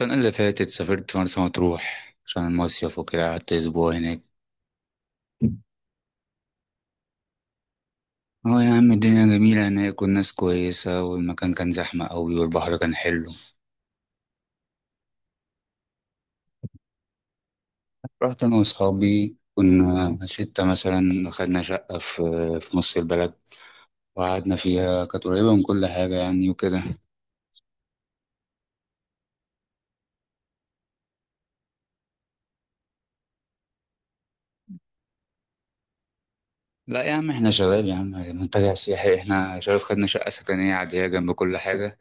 السنة اللي فاتت سافرت مرسى مطروح عشان المصيف وكده، قعدت أسبوع هناك. اه يا عم، الدنيا جميلة هناك والناس كويسة والمكان كان زحمة أوي والبحر كان حلو. رحت أنا وأصحابي، كنا ستة مثلا، خدنا شقة في نص البلد، وقعدنا فيها، كانت قريبة من كل حاجة يعني وكده. لا يا عم، احنا شباب يا عم، منتجع سياحي؟ احنا شباب، خدنا شقة سكنية عادية جنب كل حاجة.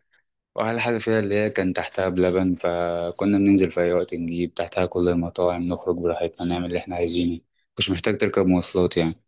واحلى حاجه فيها اللي هي كان تحتها بلبن، فكنا بننزل في اي وقت نجيب تحتها كل المطاعم، نخرج براحتنا، نعمل اللي احنا عايزينه. مش محتاج تركب مواصلات يعني.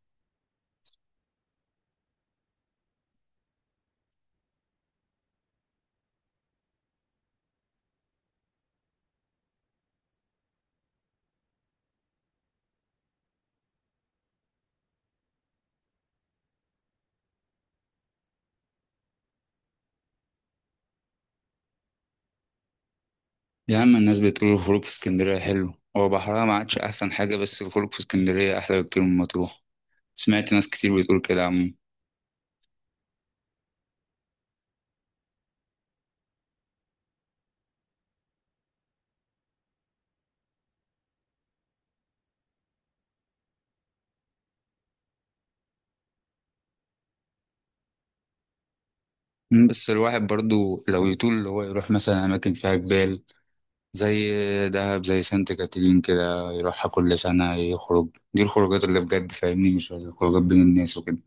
يا عم، الناس بتقول الخروج في اسكندريه حلو. هو بحرها ما عادش احسن حاجه، بس الخروج في اسكندريه احلى بكتير من مطروح. سمعت ناس كتير بتقول كده، عم. بس الواحد برضو لو يطول اللي هو يروح مثلا أماكن فيها جبال، زي دهب، زي سانت كاترين كده، يروحها كل سنة يخرج. دي الخروجات اللي بجد فاهمني، مش الخروجات بين الناس وكده.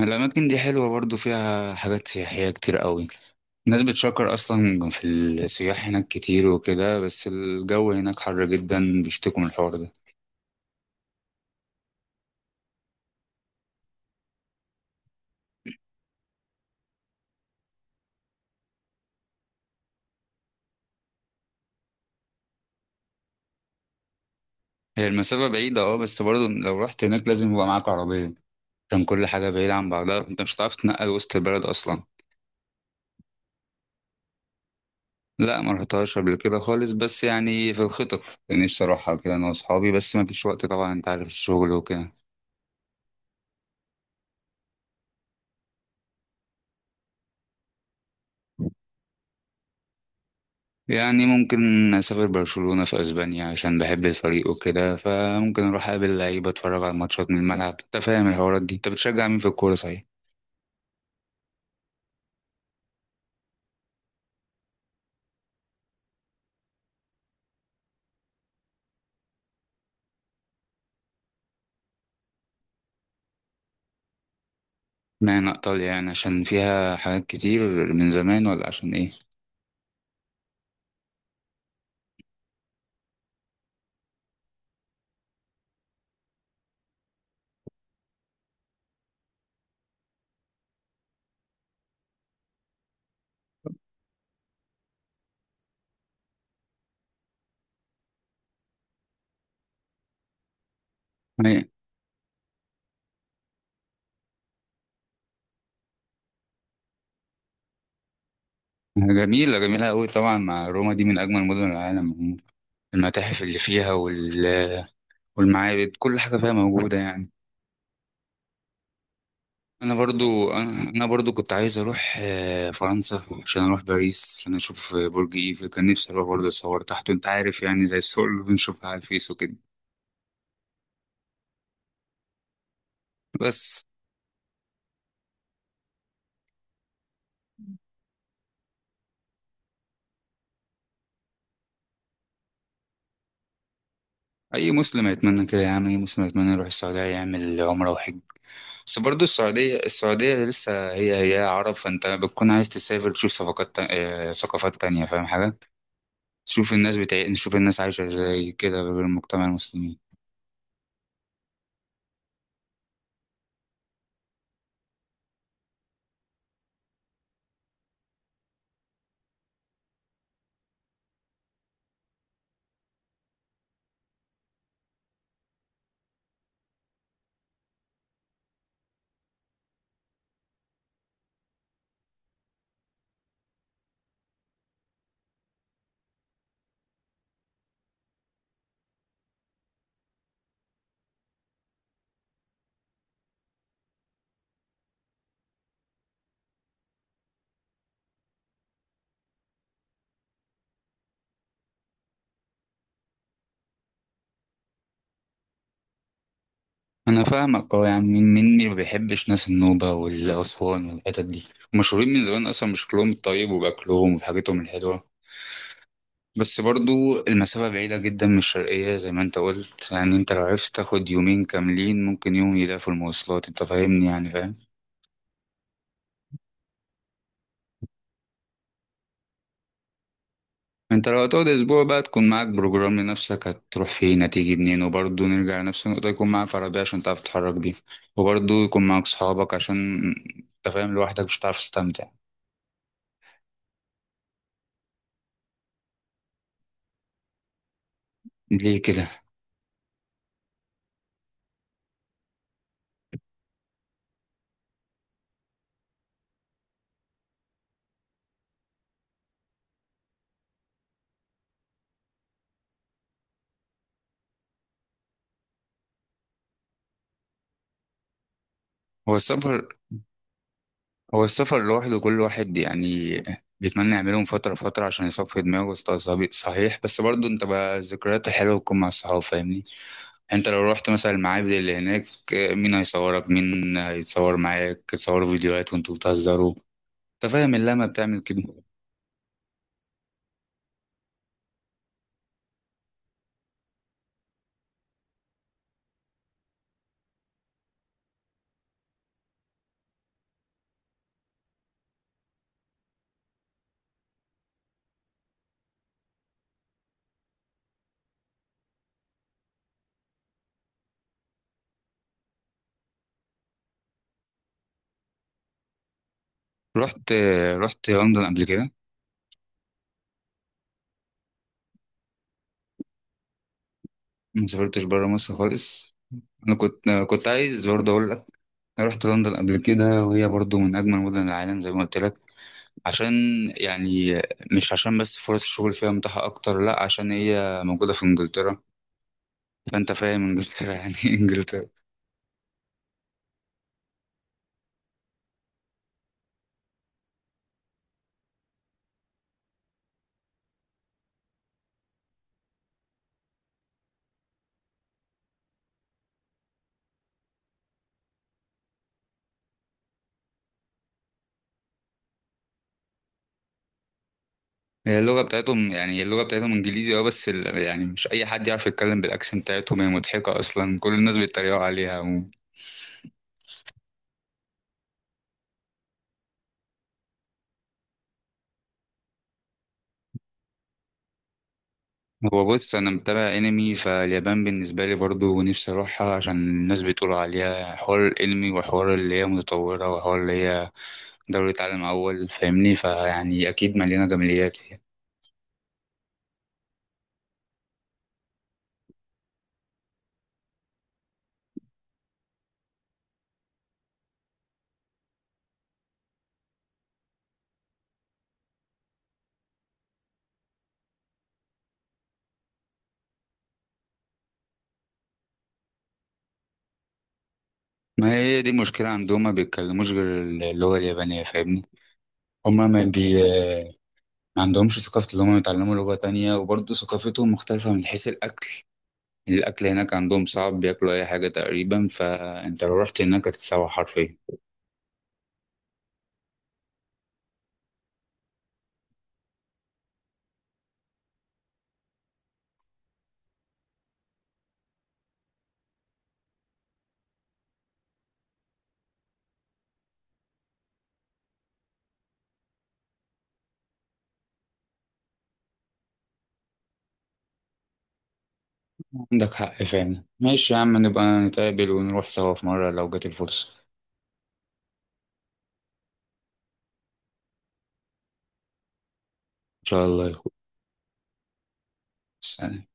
الأماكن دي حلوة برضو، فيها حاجات سياحية كتير قوي. الناس بتشكر أصلا، في السياح هناك كتير وكده، بس الجو هناك حر جدا، بيشتكوا من الحوار ده. هي المسافة بعيدة، اه، بس برضو لو رحت هناك لازم يبقى معاك عربية، عشان كل حاجة بعيدة عن بعضها، انت مش هتعرف تتنقل وسط البلد أصلا. لا، ما رحتهاش قبل كده خالص، بس يعني في الخطط، يعني نفسي أروحها كده أنا وأصحابي، بس ما فيش وقت طبعا، أنت عارف الشغل وكده. يعني ممكن أسافر برشلونة في أسبانيا عشان بحب الفريق وكده، فممكن أروح أقابل لعيبة أتفرج على الماتشات من الملعب. أنت فاهم الحوارات دي. أنت بتشجع مين في الكورة صحيح؟ اشمعنى إيطاليا؟ يعني عشان فيها حاجات كتير من زمان، ولا عشان إيه؟ أي- جميلة، جميلة أوي طبعا. مع روما دي من أجمل مدن العالم. المتاحف اللي فيها والمعابد، كل حاجة فيها موجودة يعني. انا برضو كنت عايز اروح فرنسا، عشان اروح باريس عشان اشوف برج ايفل، كان نفسي اروح برضو اتصور تحته، انت عارف، يعني زي الصور اللي بنشوفها على الفيس وكده. بس اي مسلم يتمنى كده يا عم، اي مسلم يتمنى يروح السعوديه يعمل عمره وحج. بس برضو السعوديه لسه هي هي عرب، فانت بتكون عايز تسافر تشوف ثقافات ثقافات تانية، فاهم حاجه. تشوف الناس بتاع نشوف الناس عايشه ازاي كده، غير المجتمع المسلمين. انا فاهمك، اه، يعني مين مني ما بيحبش ناس النوبة والاسوان والحتت دي، مشهورين من زمان اصلا بشكلهم الطيب وباكلهم وبحاجتهم الحلوة. بس برضو المسافة بعيدة جدا من الشرقية زي ما انت قلت، يعني انت لو عرفت تاخد يومين كاملين، ممكن يوم يلاقي في المواصلات، انت فاهمني يعني، فاهم. انت لو هتقعد اسبوع بقى، تكون معاك بروجرام لنفسك، هتروح فين هتيجي منين، وبرضه نرجع لنفس النقطة، يكون معاك عربية عشان تعرف تتحرك بيها، وبرضه يكون معاك صحابك، عشان انت فاهم، لوحدك مش هتعرف تستمتع. ليه كده؟ هو السفر هو السفر لوحده كل واحد يعني بيتمنى يعمله من فترة لفترة عشان يصفي دماغه وسط صحيح، بس برضه انت بقى الذكريات الحلوة بتكون مع الصحاب فاهمني. انت لو رحت مثلا المعابد اللي هناك، مين هيصورك؟ مين هيتصور معاك؟ تصوروا فيديوهات وانتوا بتهزروا. انت فاهم اللمة بتعمل كده. رحت لندن قبل كده؟ ما سافرتش بره مصر خالص؟ انا كنت عايز برضه اقول لك. أنا رحت لندن قبل كده، وهي برضه من اجمل مدن العالم زي ما قلت لك. عشان، يعني، مش عشان بس فرص الشغل فيها متاحة أكتر، لأ، عشان هي موجودة في إنجلترا. فأنت فاهم إنجلترا يعني إيه إنجلترا. هي اللغة بتاعتهم، يعني اللغة بتاعتهم إنجليزي، أه، بس يعني مش أي حد يعرف يتكلم بالأكسنت بتاعتهم، هي مضحكة أصلا، كل الناس بيتريقوا عليها عموما. هو بص، أنا متابع أنمي، فاليابان بالنسبة لي برضو نفسي أروحها، عشان الناس بتقول عليها حوار الأنمي وحوار اللي هي متطورة وحوار اللي هي دورة عالم أول، فاهمني، فيعني أكيد مليانة جماليات. ما هي دي المشكلة عندهم، ما بيتكلموش غير اللغة اليابانية فاهمني. هما ما بي ما عندهمش ثقافة اللي هما يتعلموا لغة تانية، وبرضه ثقافتهم مختلفة من حيث الأكل. الأكل هناك عندهم صعب، بياكلوا أي حاجة تقريبا، فأنت لو رحت هناك هتتسوح حرفيا. عندك حق فعلا، ماشي يا عم، نبقى نتقابل ونروح سوا في مرة لو جت الفرصة. إن شاء الله يا أخوي. سلام.